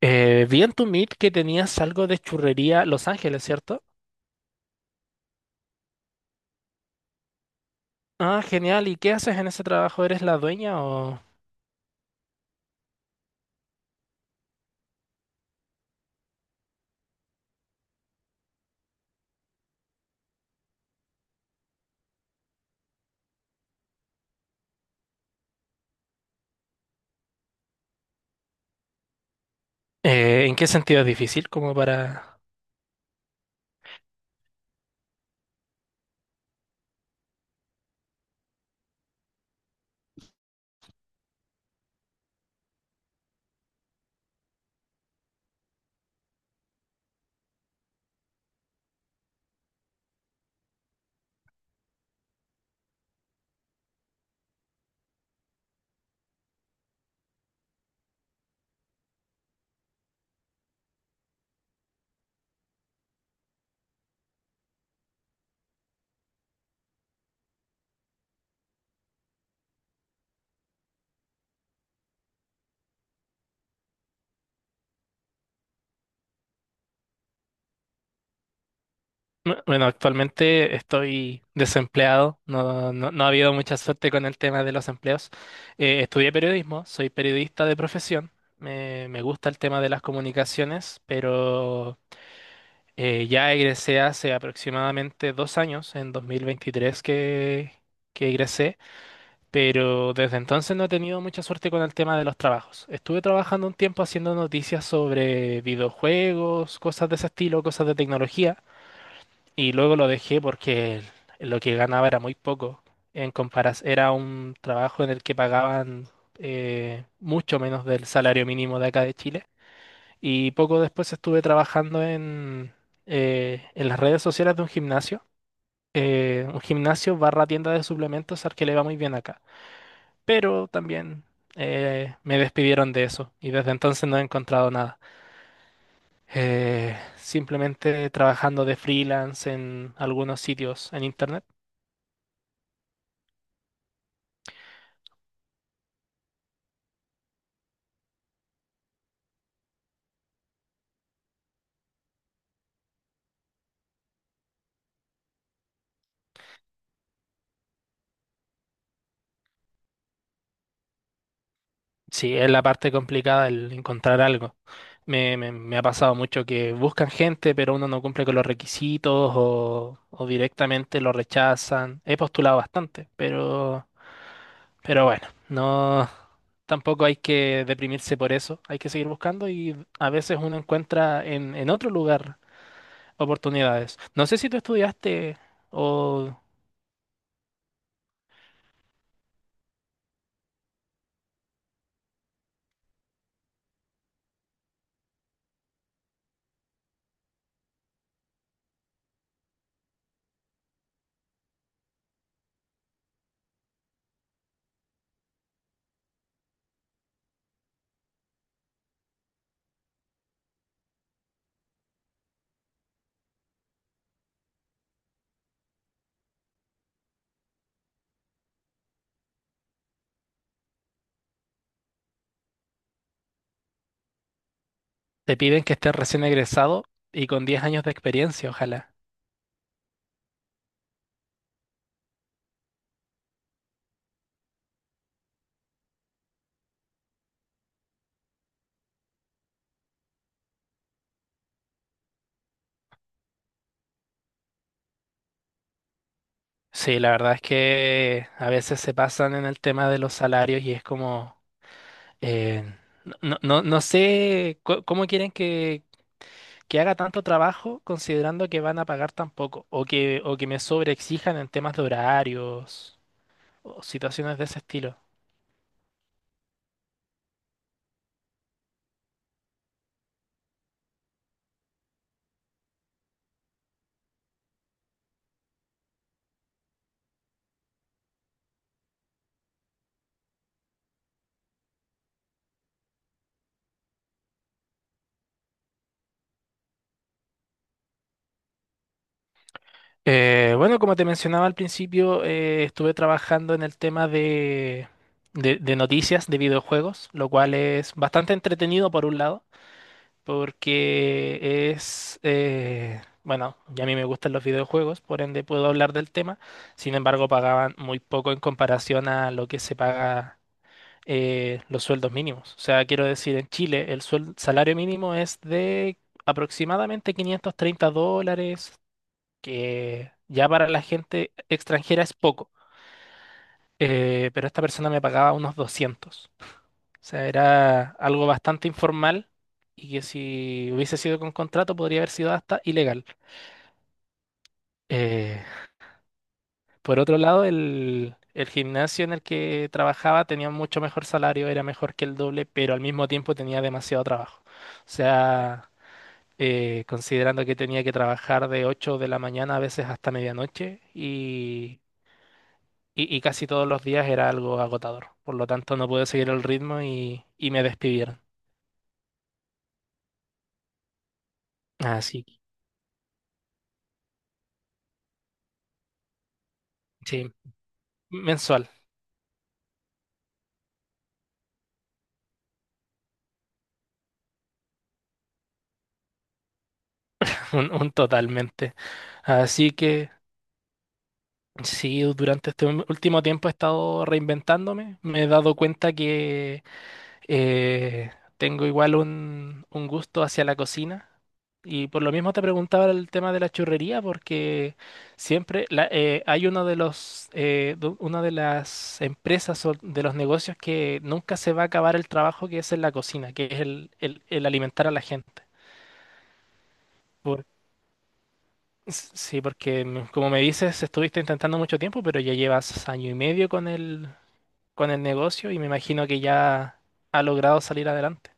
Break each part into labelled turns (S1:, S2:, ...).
S1: Vi en tu Meet que tenías algo de churrería Los Ángeles, ¿cierto? Ah, genial. ¿Y qué haces en ese trabajo? ¿Eres la dueña o ¿En qué sentido es difícil? Como para... Bueno, actualmente estoy desempleado. No, no, no ha habido mucha suerte con el tema de los empleos. Estudié periodismo, soy periodista de profesión. Me gusta el tema de las comunicaciones, pero ya egresé hace aproximadamente 2 años, en 2023 que egresé. Pero desde entonces no he tenido mucha suerte con el tema de los trabajos. Estuve trabajando un tiempo haciendo noticias sobre videojuegos, cosas de ese estilo, cosas de tecnología, y luego lo dejé porque lo que ganaba era muy poco. En comparas, era un trabajo en el que pagaban mucho menos del salario mínimo de acá de Chile. Y poco después estuve trabajando en las redes sociales de un gimnasio barra tienda de suplementos al que le va muy bien acá, pero también me despidieron de eso y desde entonces no he encontrado nada. Simplemente trabajando de freelance en algunos sitios en internet. Sí, es la parte complicada el encontrar algo. Me ha pasado mucho que buscan gente, pero uno no cumple con los requisitos o directamente lo rechazan. He postulado bastante, pero bueno, no, tampoco hay que deprimirse por eso. Hay que seguir buscando y a veces uno encuentra en otro lugar oportunidades. ¿No sé si tú estudiaste o te piden que estés recién egresado y con 10 años de experiencia? Ojalá. Sí, la verdad es que a veces se pasan en el tema de los salarios y es como, eh, no, no, no sé cómo quieren que haga tanto trabajo considerando que van a pagar tan poco o que me sobreexijan en temas de horarios o situaciones de ese estilo. Bueno, como te mencionaba al principio, estuve trabajando en el tema de noticias de videojuegos, lo cual es bastante entretenido por un lado, porque bueno, ya a mí me gustan los videojuegos, por ende puedo hablar del tema, sin embargo pagaban muy poco en comparación a lo que se paga los sueldos mínimos. O sea, quiero decir, en Chile el salario mínimo es de aproximadamente 530 dólares, que ya para la gente extranjera es poco. Pero esta persona me pagaba unos 200. O sea, era algo bastante informal y que si hubiese sido con contrato podría haber sido hasta ilegal. Eh, Por otro lado, el gimnasio en el que trabajaba tenía mucho mejor salario, era mejor que el doble, pero al mismo tiempo tenía demasiado trabajo. O sea, considerando que tenía que trabajar de 8 de la mañana a veces hasta medianoche y casi todos los días era algo agotador. Por lo tanto, no pude seguir el ritmo y me despidieron. Así que, sí, mensual. Un totalmente. Así que... Sí, durante este último tiempo he estado reinventándome. Me he dado cuenta que eh, tengo igual un gusto hacia la cocina. Y por lo mismo te preguntaba el tema de la churrería, porque siempre hay uno de los, du- una de las empresas o de los negocios que nunca se va a acabar el trabajo que es en la cocina, que es el alimentar a la gente. Por- sí, porque como me dices, estuviste intentando mucho tiempo, pero ya llevas año y medio con el, negocio y me imagino que ya ha logrado salir adelante.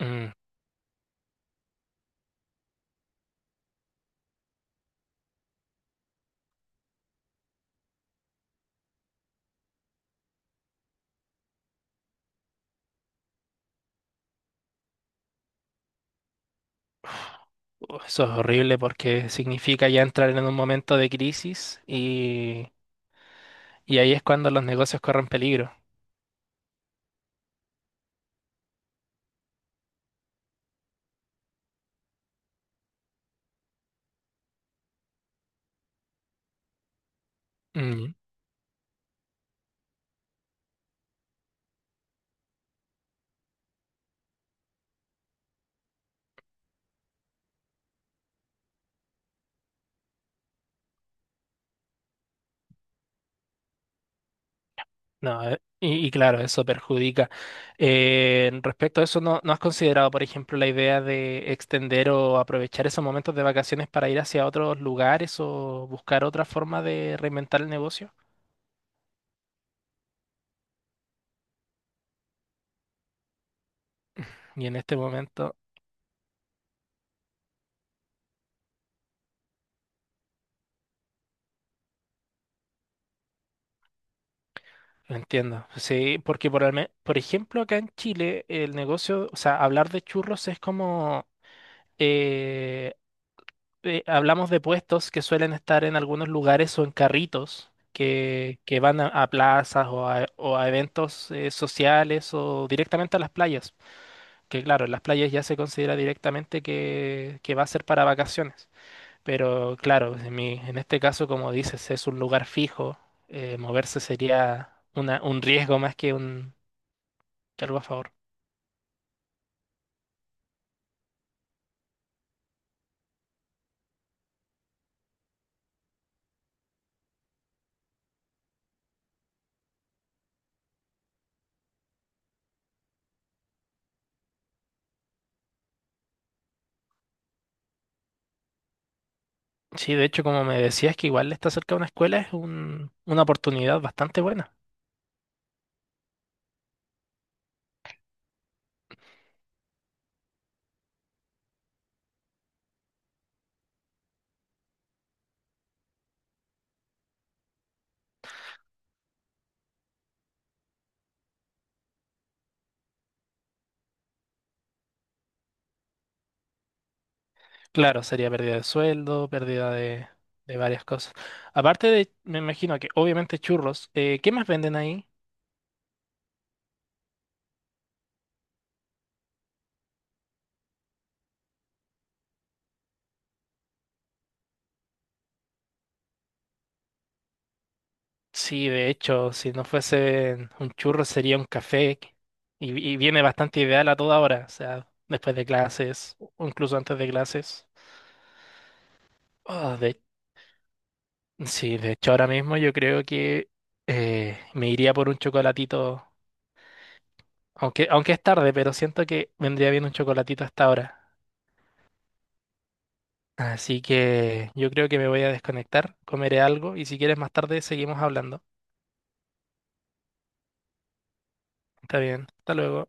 S1: Mm, Eso es horrible porque significa ya entrar en un momento de crisis y ahí es cuando los negocios corren peligro. Mm. No, y claro, eso perjudica. Respecto a eso, ¿no, no has considerado, por ejemplo, la idea de extender o aprovechar esos momentos de vacaciones para ir hacia otros lugares o buscar otra forma de reinventar el negocio? Y en este momento... Entiendo. Sí, porque por, alme- por ejemplo acá en Chile el negocio, o sea, hablar de churros es como eh, hablamos de puestos que suelen estar en algunos lugares o en carritos que van a plazas o a eventos sociales o directamente a las playas. Que claro, en las playas ya se considera directamente que va a ser para vacaciones. Pero claro, en este caso, como dices, es un lugar fijo. Moverse sería un riesgo más que un algo a favor. Sí, de hecho, como me decías que igual está cerca de una escuela, es una oportunidad bastante buena. Claro, sería pérdida de sueldo, pérdida de varias cosas. Aparte de, me imagino que obviamente churros, ¿qué más venden ahí? Sí, de hecho, si no fuese un churro sería un café y viene bastante ideal a toda hora, o sea, después de clases o incluso antes de clases. Ah, sí, de hecho ahora mismo yo creo que me iría por un chocolatito. Aunque es tarde, pero siento que vendría bien un chocolatito hasta ahora. Así que yo creo que me voy a desconectar, comeré algo y si quieres más tarde seguimos hablando. Está bien, hasta luego.